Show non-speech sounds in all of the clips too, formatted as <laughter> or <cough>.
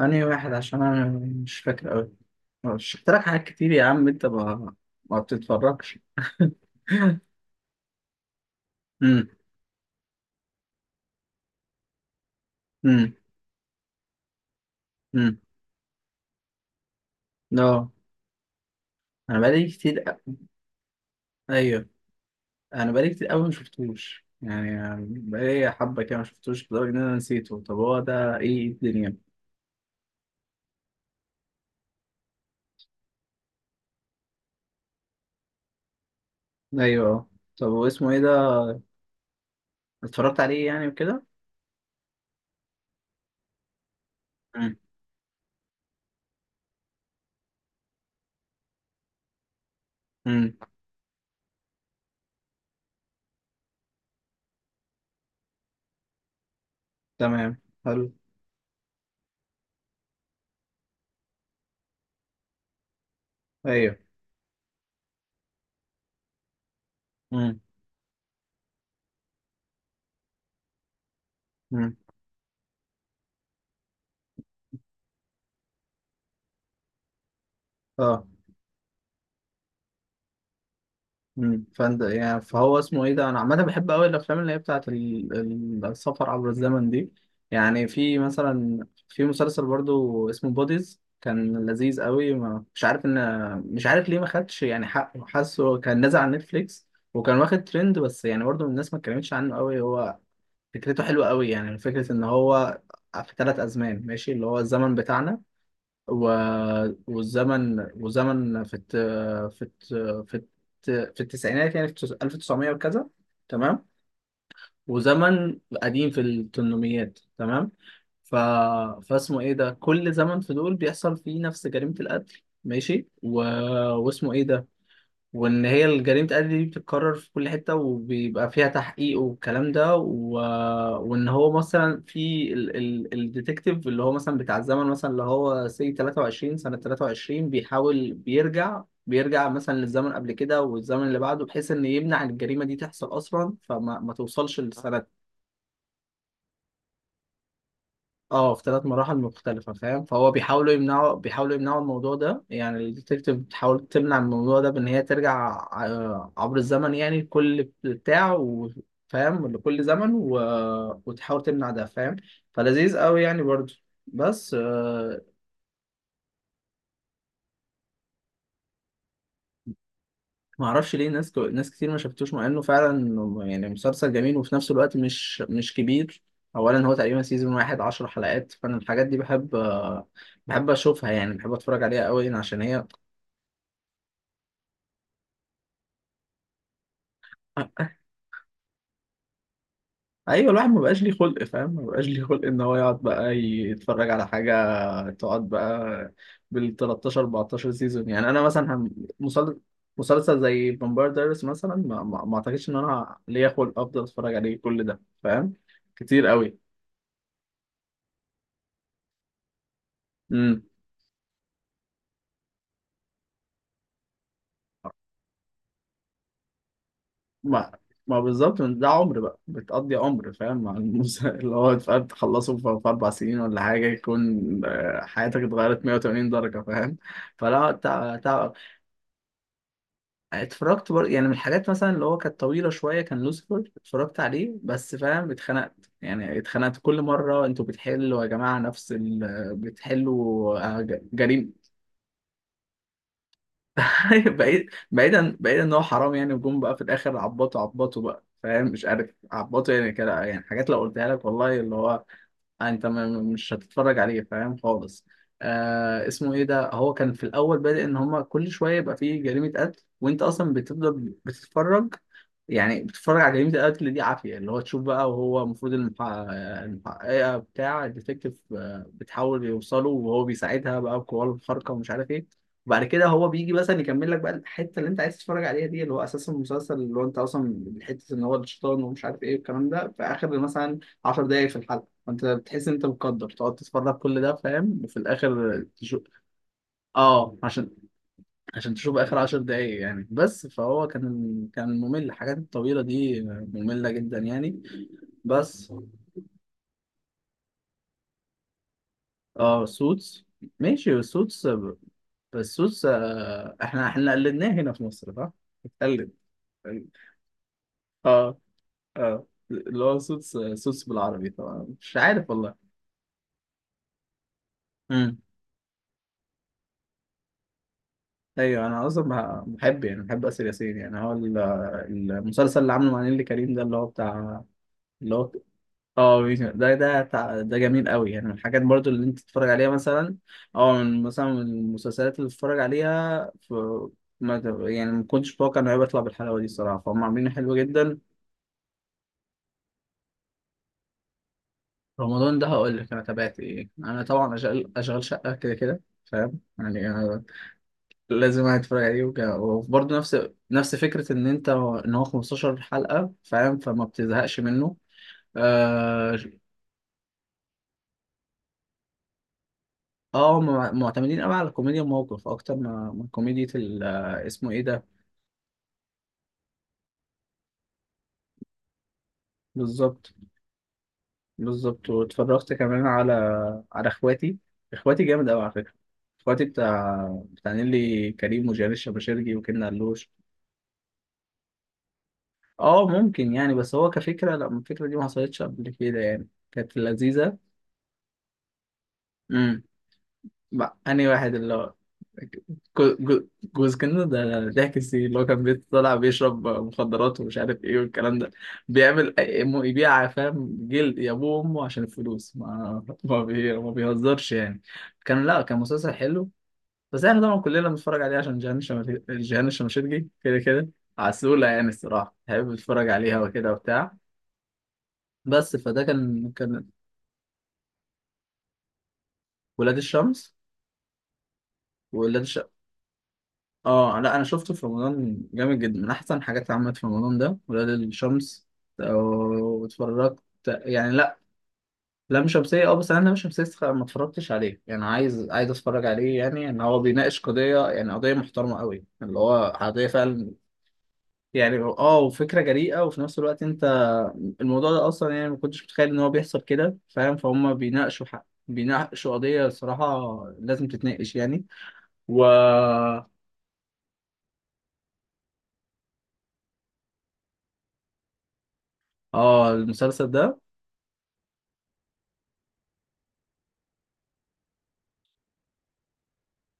أنهي واحد؟ عشان أنا مش فاكر أوي. شفت لك حاجات كتير يا عم، أنت ما بتتفرجش. <laughs> امم. امم. امم. لا، أنا بقالي كتير أيوه، أنا بقالي كتير أوي ما شفتوش يعني. بقالي حبة كده ما شفتوش لدرجة إن أنا نسيته. طب هو ده إيه الدنيا؟ أيوه. طب هو اسمه إيه ده؟ اتفرجت عليه يعني وكده. امم. امم. تمام، حلو. أيوه. امم. امم. اه. مم. فانت يعني فهو اسمه ايه ده؟ انا عامه بحب قوي الافلام اللي هي بتاعت السفر عبر الزمن دي. يعني في مثلا، في مسلسل برضو اسمه بوديز، كان لذيذ قوي، ما مش عارف ان، مش عارف ليه ما خدش يعني حقه. حاسه كان نازل على نتفليكس وكان واخد ترند، بس يعني برضو الناس ما اتكلمتش عنه قوي. هو فكرته حلوه قوي، يعني فكره ان هو في ثلاث ازمان ماشي، اللي هو الزمن بتاعنا و... والزمن في في الت... في الت... في التسعينات، يعني في 1900 وكذا، تمام. وزمن قديم في الثمانينات، تمام. ف... فاسمه ايه ده؟ كل زمن في دول بيحصل فيه نفس جريمة القتل، ماشي، واسمه ايه ده. وان هي جريمة قتل دي بتتكرر في كل حتة، وبيبقى فيها تحقيق والكلام ده وان هو مثلا في الديتكتيف، اللي هو مثلا بتاع الزمن، مثلا اللي هو سي 23، سنة 23، بيحاول بيرجع مثلا للزمن قبل كده والزمن اللي بعده، بحيث ان يمنع الجريمة دي تحصل اصلا فما ما توصلش للسنة. اه، في ثلاث مراحل مختلفة فاهم. فهو بيحاولوا يمنعوا الموضوع ده، يعني الديتكتيف بتحاول تمنع الموضوع ده بإن هي ترجع عبر الزمن يعني، كل بتاع فاهم، لكل زمن وتحاول تمنع ده فاهم. فلذيذ قوي يعني برضه. بس آه، ما اعرفش ليه ناس ناس كتير ما شافتوش، مع انه فعلا يعني مسلسل جميل، وفي نفس الوقت مش كبير. اولا هو تقريبا سيزون واحد عشر حلقات، فانا الحاجات دي بحب آه، بحب اشوفها يعني، بحب اتفرج عليها قوي عشان هي. ايوه، الواحد ما بقاش ليه خلق فاهم، ما بقاش ليه خلق ان هو يقعد بقى يتفرج على حاجه، تقعد بقى بال 13 14 سيزون. يعني انا مثلا مسل- مسلسل زي فامباير دايرس مثلا ما اعتقدش ان انا ليا خلق افضل اتفرج عليه كل ده فاهم، كتير قوي. امم. ما ما بالظبط من ده عمر بقى، بتقضي عمر فاهم مع المسلسل اللي هو فاهم، تخلصه في اربع سنين ولا حاجه، يكون آه، حياتك اتغيرت 180 درجه فاهم. فلا، اتفرجت يعني من الحاجات مثلا اللي هو كانت طويلة شوية كان لوسيفر، اتفرجت عليه بس فاهم اتخنقت يعني، اتخنقت كل مرة. انتوا بتحلوا يا جماعة نفس بتحلوا آه، جريمة. <laughs> بعيد، بعيدا بعيدا ان هو حرام يعني، وجم بقى في الاخر عبطوا، عبطوا بقى فاهم، مش عارف. عبطوا يعني كده يعني، حاجات لو قلتها لك والله اللي هو آه، انت مش هتتفرج عليه فاهم خالص. آه، اسمه ايه ده؟ هو كان في الاول بادئ ان هما كل شويه يبقى فيه جريمه قتل، وانت اصلا بتفضل بتتفرج يعني، بتتفرج على جريمه القتل دي عافيه، اللي هو تشوف بقى. وهو المفروض المحققه بتاع الديتكتيف آه، بتحاول يوصله، وهو بيساعدها بقى بقواه الخارقه ومش عارف ايه. وبعد كده هو بيجي مثلا يكمل لك بقى الحته اللي انت عايز تتفرج عليها دي، اللي هو اساس المسلسل، اللي هو انت اصلا حته ان هو الشيطان ومش عارف ايه والكلام ده، في اخر مثلا 10 دقايق في الحلقه. انت بتحس ان انت مقدر تقعد تتفرج كل ده فاهم، وفي الاخر تشوف. اه، عشان تشوف اخر عشر دقايق يعني بس. فهو كان ممل، الحاجات الطويله دي ممله جدا يعني. بس. اه سوتس، ماشي سوتس. بس سوتس آه، احنا قلدناه هنا في مصر صح؟ اتقلد. اه. اه، اللي هو سوتس، سوتس بالعربي طبعا مش عارف. والله. ايوه، انا اصلا بحب يعني، بحب اسر ياسين يعني. هو المسلسل اللي عامله مع نيللي كريم ده اللي هو بتاع اللي هو اه، ده جميل قوي يعني، من الحاجات برضو اللي انت تتفرج عليها مثلا، او من مثلا من المسلسلات اللي تتفرج عليها في ما ت- يعني ما كنتش متوقع انه هيطلع بالحلاوه دي الصراحه، فهم عاملينه حلو جدا. رمضان ده هقول لك انا تابعت ايه. انا طبعا اشغال، اشغال شقه كده كده فاهم يعني، لازم واحد يتفرج عليه وكده. وبرضه نفس فكرة إن أنت إن هو 15 حلقة فاهم فما بتزهقش منه. آه. آه، هم معتمدين أوي على كوميديا الموقف أكتر ما كوميديا آه، اسمه إيه ده. بالظبط. بالظبط، واتفرجت كمان على، على إخواتي. إخواتي جامد أوي على فكرة. إخواتي بتاع، بتاع نيلي كريم وجيال الشباشرجي وكنا علوش. آه ممكن يعني، بس هو كفكرة لا، الفكرة دي ما حصلتش قبل كده يعني، كانت لذيذة. مع أنهي واحد اللي هو جوز كده ده، ضحك السي اللي هو كان بيطلع بيشرب مخدرات ومش عارف ايه والكلام ده. بيعمل أي- يبيع فاهم جلد يا ابوه وامه عشان الفلوس، ما بيهزرش يعني. كان، لا كان مسلسل حلو. بس احنا طبعا كلنا بنتفرج عليه عشان جيهان الشماشرجي كده كده. عسولة يعني الصراحة، بحب اتفرج عليها وكده وبتاع. بس فده كان ولاد الشمس. ولاد. اه لا، انا شفته في رمضان، جامد جدا، من احسن حاجات اللي عملت في رمضان ده، ولاد الشمس. آه، واتفرجت يعني لا. لام شمسية اه، بس انا لام شمسية ما اتفرجتش عليه يعني. عايز، عايز اتفرج عليه يعني، ان هو بيناقش قضية يعني، قضية محترمة قوي اللي هو قضية فعلا. يعني اه، وفكرة جريئة وفي نفس الوقت انت، الموضوع ده اصلا يعني ما كنتش متخيل ان هو بيحصل كده فاهم، فهم بيناقشوا حق، بيناقشوا قضية صراحة لازم تتناقش يعني. و اه المسلسل ده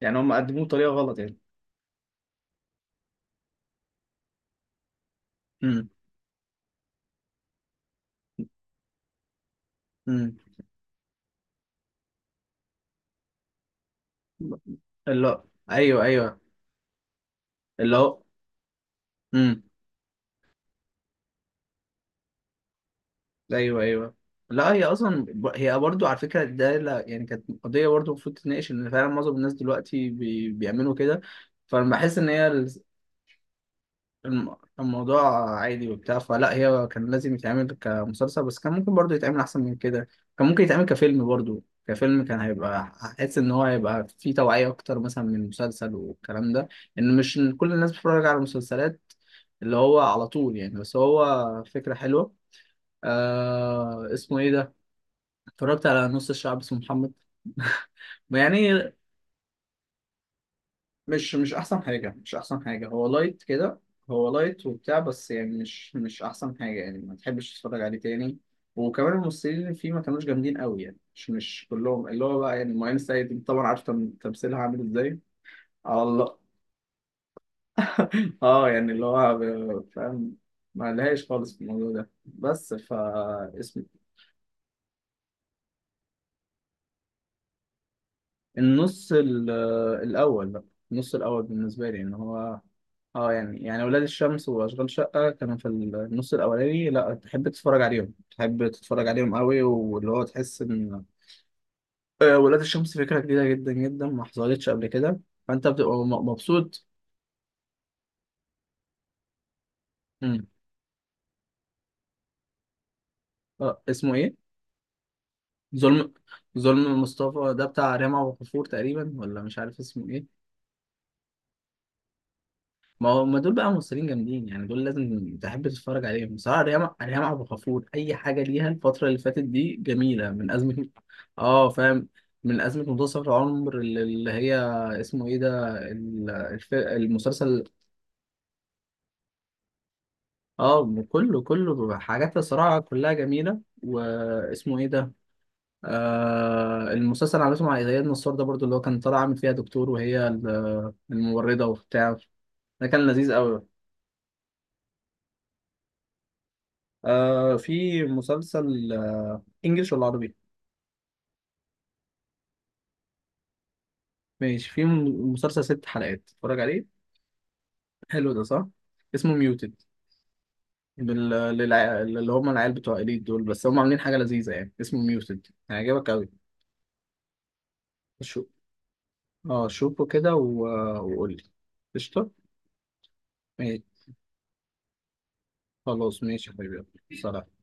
يعني، هم قدموه بطريقه غلط يعني. امم. امم. اللي، ايوه ايوه، اللي هو. امم. ايوه ايوه. لا هي اصلا هي برضو على فكره ده لا يعني، كانت قضيه برضو المفروض تتناقش، ان فعلا معظم الناس دلوقتي بيعملوا كده. فانا بحس ان هي الموضوع عادي وبتاع. فلا هي كان لازم يتعمل كمسلسل، بس كان ممكن برضه يتعمل أحسن من كده. كان ممكن يتعمل كفيلم برضه. كفيلم كان هيبقى، حاسس إن هو هيبقى فيه توعية أكتر مثلا من المسلسل والكلام ده، إن مش كل الناس بتتفرج على المسلسلات اللي هو على طول يعني. بس هو فكرة حلوة. آه، اسمه إيه ده؟ اتفرجت على نص الشعب اسمه محمد. <laughs> يعني مش احسن حاجه، مش احسن حاجه، هو لايت كده. هو لايت وبتاع بس يعني مش احسن حاجه يعني، ما تحبش تتفرج عليه تاني. وكمان الممثلين اللي فيه ما كانوش جامدين قوي يعني، مش كلهم. اللي هو بقى يعني مؤمن سيد طبعا عارف تمثيلها عامل ازاي. على الله. <laughs> اه يعني اللي هو فاهم، ما لهاش خالص في الموضوع ده بس. فا اسم النص الأول بقى. النص الأول بالنسبة لي إن هو، اه يعني ولاد الشمس وأشغال شقة كانوا في النص الأولاني، لا تحب تتفرج عليهم، تحب تتفرج عليهم قوي، واللي هو تحس إن آه، ولاد الشمس فكرة جديدة جدا جدا ما حصلتش قبل كده، فأنت بتبقى مبسوط. مم. اه، اسمه إيه؟ ظلم. ظلم مصطفى ده بتاع ريهام عبد الغفور تقريبا ولا مش عارف اسمه إيه؟ ما هو ما دول بقى ممثلين جامدين يعني، دول لازم تحب تتفرج عليهم بصراحة. ريما عبد الغفور أي حاجة ليها الفترة اللي فاتت دي جميلة من أزمة. <laughs> اه فاهم. من أزمة منتصف العمر اللي هي، اسمه إيه ده المسلسل. اه، كله حاجات الصراحة كلها جميلة، واسمه إيه ده. آه، المسلسل اللي عملته مع إياد نصار ده برضو اللي هو كان طالع عامل فيها دكتور وهي الممرضة وبتاع. ده كان لذيذ أوي. آه، في مسلسل آه انجلش ولا عربي. ماشي، في مسلسل ست حلقات اتفرج عليه حلو ده صح. اسمه ميوتد. اللي هم العيال بتوع إليت دول، بس هم عاملين حاجة لذيذة يعني، اسمه ميوتد هيعجبك قوي. شو، اه شوفه كده وقول لي. قشطة. ماشي. خلاص ماشي يا حبيبي، يلا. سلام.